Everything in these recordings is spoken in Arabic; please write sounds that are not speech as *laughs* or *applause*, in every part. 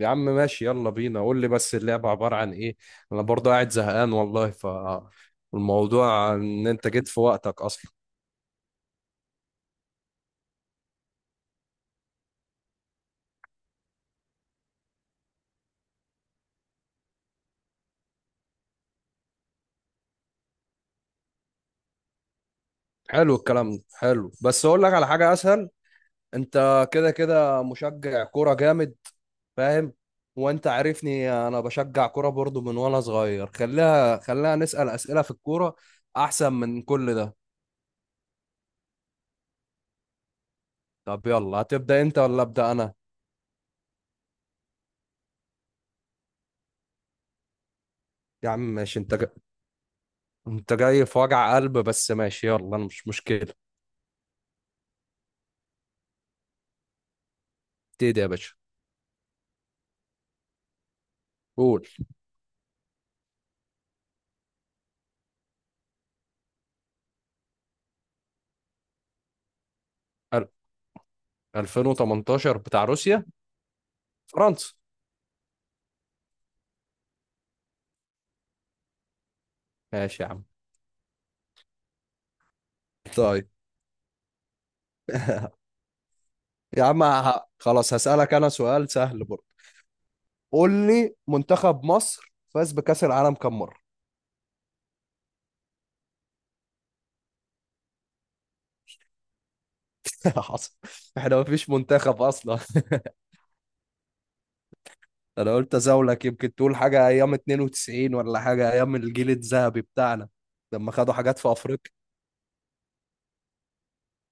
يا عم ماشي، يلا بينا. قول لي بس اللعبة عبارة عن ايه. انا برضه قاعد زهقان والله. الموضوع ان انت جيت في وقتك اصلا. حلو، الكلام ده حلو، بس اقول لك على حاجة اسهل. انت كده كده مشجع كورة جامد، فاهم؟ وانت عارفني انا بشجع كورة برضه من وانا صغير. خليها نسأل اسئلة في الكورة، احسن من كل ده. طب يلا، هتبدأ انت ولا ابدأ انا؟ يا عم ماشي. انت جاي في وجع قلب، بس ماشي يلا، أنا مش مشكلة. ابتدي يا باشا. قول. ال- 2018 بتاع روسيا؟ فرنسا. ماشي يا عم. طيب يا عم، خلاص هسألك أنا سؤال سهل برضه. قول لي منتخب مصر فاز بكأس العالم كم مرة؟ *laughs* حصل، احنا ما فيش منتخب أصلا. *laughs* أنا قلت أزاولك يمكن تقول حاجة أيام 92 ولا حاجة أيام الجيل الذهبي بتاعنا، لما خدوا حاجات في أفريقيا.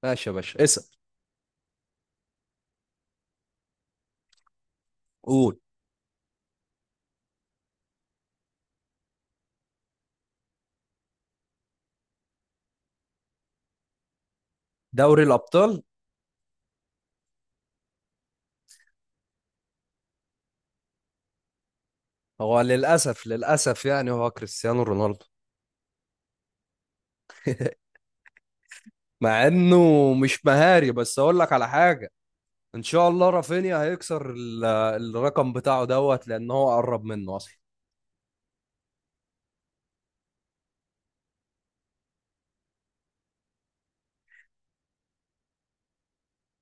ماشي يا باشا، اسأل. قول. دوري الأبطال؟ هو للأسف، للأسف، يعني هو كريستيانو رونالدو، مع انه مش مهاري. بس اقول لك على حاجه، ان شاء الله رافينيا هيكسر الرقم بتاعه دوت، لان هو قرب منه اصلا.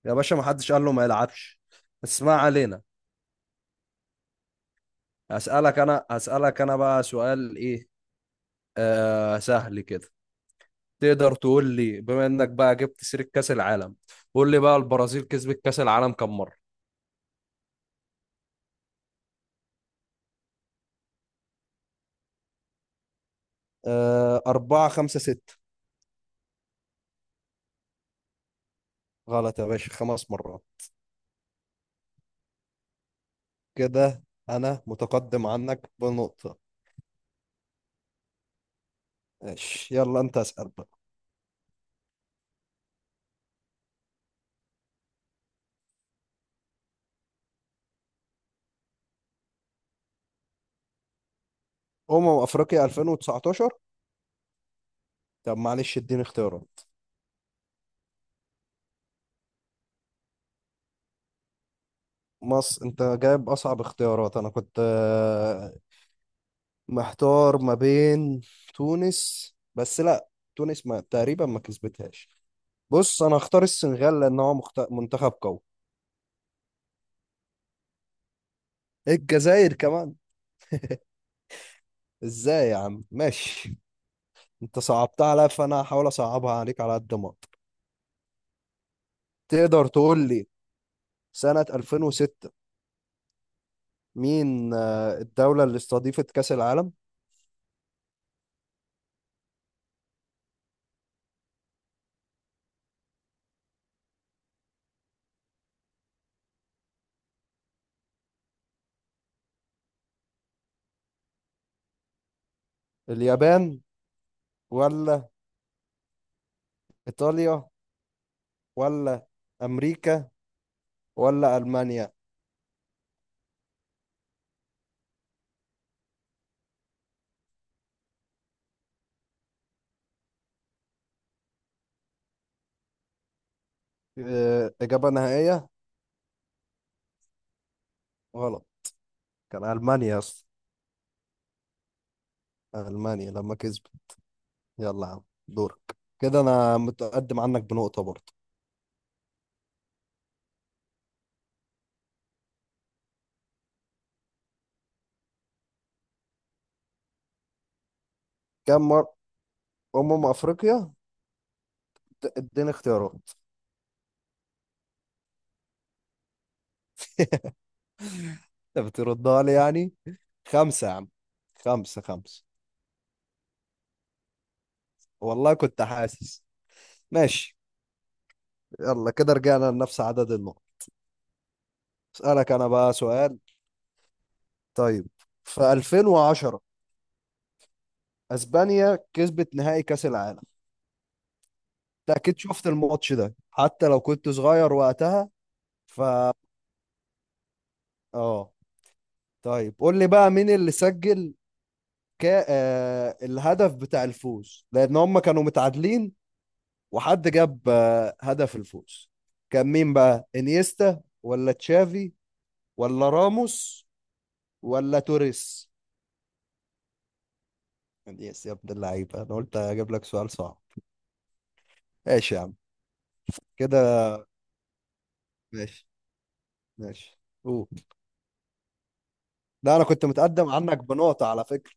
يا باشا، ما حدش قال له ما يلعبش، بس ما علينا. هسألك انا بقى سؤال ايه. آه، سهل كده. تقدر تقول لي، بما انك بقى جبت سيرة كأس العالم، قول لي بقى البرازيل كسبت كأس العالم كم مرة؟ آه، أربعة، خمسة، ستة؟ غلط يا باشا، خمس مرات. كده أنا متقدم عنك بنقطة. ماشي، يلا أنت اسأل بقى. افريقيا 2019؟ طب معلش اديني اختيارات. مصر؟ انت جايب اصعب اختيارات. انا كنت محتار ما بين تونس، بس لا، تونس ما تقريبا ما كسبتهاش. بص، انا هختار السنغال لان هو منتخب قوي. الجزائر كمان؟ ازاي يا عم؟ ماشي. انت صعبتها عليا فانا هحاول اصعبها عليك على قد ما اقدر. تقدر تقول لي سنة 2006 مين الدولة اللي استضيفت كأس العالم؟ اليابان ولا إيطاليا ولا أمريكا ولا ألمانيا؟ آه، إجابة نهائية. غلط، كان ألمانيا أصلا. ألمانيا لما كسبت. يلا يا عم دورك. كده أنا متقدم عنك بنقطة برضه. كم مرة أمم أفريقيا؟ اديني اختيارات. أنت بتردها لي يعني. خمسة يا عم. خمسة، خمسة. والله كنت حاسس. ماشي. يلا كده رجعنا لنفس عدد النقط. أسألك أنا بقى سؤال. طيب، في 2010 أسبانيا كسبت نهائي كأس العالم، انت اكيد شفت الماتش ده حتى لو كنت صغير وقتها. ف اه. طيب قول لي بقى مين اللي سجل الهدف بتاع الفوز، لان هم كانوا متعادلين وحد جاب هدف الفوز. كان مين بقى، انيستا ولا تشافي ولا راموس ولا توريس؟ يا ابن اللعيبه، انا قلت اجيب لك سؤال صعب. ماشي يا عم. كده. ماشي، ماشي، قول. لا، انا كنت متقدم عنك بنقطة على فكرة.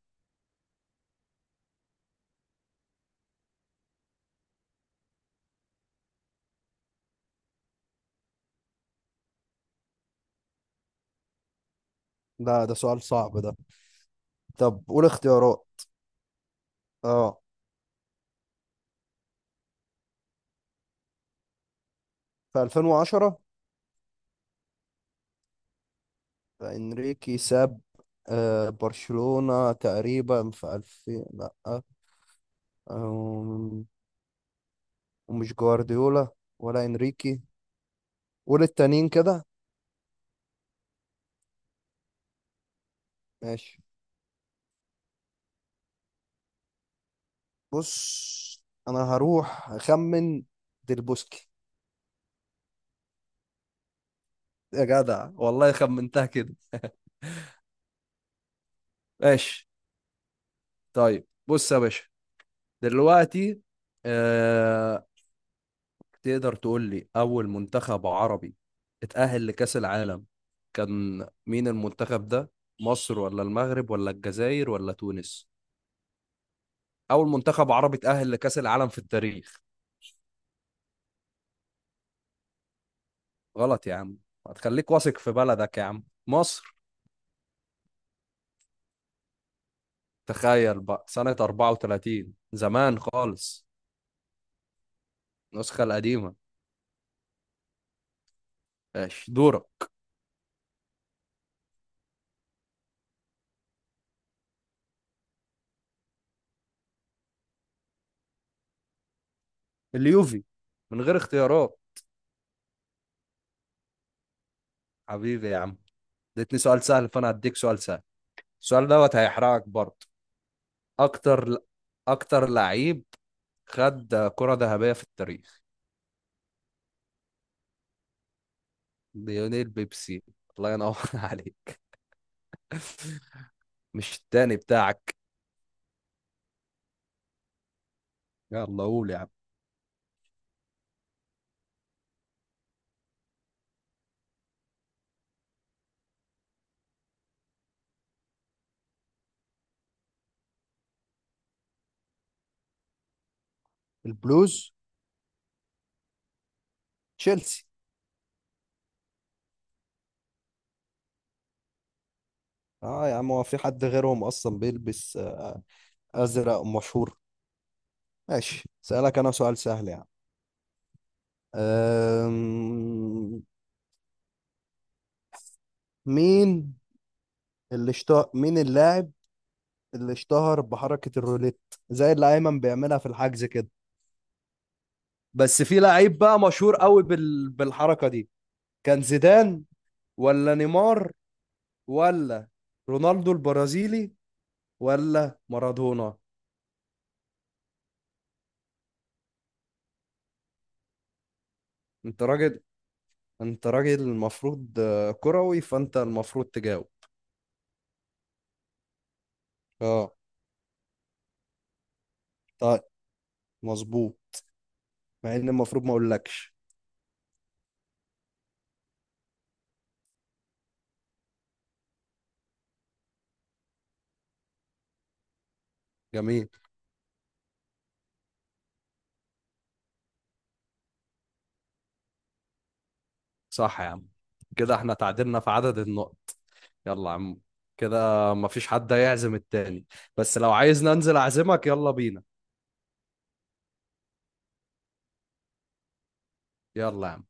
ده سؤال صعب ده. طب قول اختيارات. اه. في 2010. انريكي ساب آه، برشلونة تقريبا في 2000. لا آه، ومش جوارديولا ولا انريكي ولا التانيين كده. ماشي. بص انا هروح اخمن، ديلبوسكي. يا جدع والله خمنتها كده. ماشي. طيب بص يا باشا، دلوقتي، آه، تقدر تقول لي أول منتخب عربي اتأهل لكأس العالم؟ كان مين المنتخب ده؟ مصر ولا المغرب ولا الجزائر ولا تونس؟ أول منتخب عربي اتأهل لكأس العالم في التاريخ. غلط يا عم. هتخليك واثق في بلدك يا عم، مصر. تخيل بقى سنة 34، زمان خالص، النسخة القديمة. ماشي دورك. اليوفي، من غير اختيارات. حبيبي يا عم. اديتني سؤال سهل فأنا هديك سؤال سهل. السؤال دوت هيحرقك برضه. اكتر اكتر لعيب خد كرة ذهبية في التاريخ. ليونيل بيبسي؟ الله ينور *laughs* عليك. مش التاني بتاعك. يلا قول يا عم. البلوز؟ تشيلسي. اه يا عم، هو في حد غيرهم اصلا بيلبس ازرق مشهور؟ ماشي سألك انا سؤال سهل يعني. أم... مين اللي اشتهر، مين اللاعب اللي اشتهر بحركة الروليت، زي اللي ايمن بيعملها في الحجز كده، بس في لعيب بقى مشهور قوي بالحركة دي. كان زيدان ولا نيمار ولا رونالدو البرازيلي ولا مارادونا؟ انت راجل انت راجل المفروض كروي، فانت المفروض تجاوب. اه. طيب. مظبوط، مع ان المفروض ما اقولكش. جميل. صح يا عم. كده احنا تعادلنا في عدد النقط. يلا يا عم، كده مفيش حد هيعزم التاني، بس لو عايز ننزل اعزمك يلا بينا. يلا يا عم.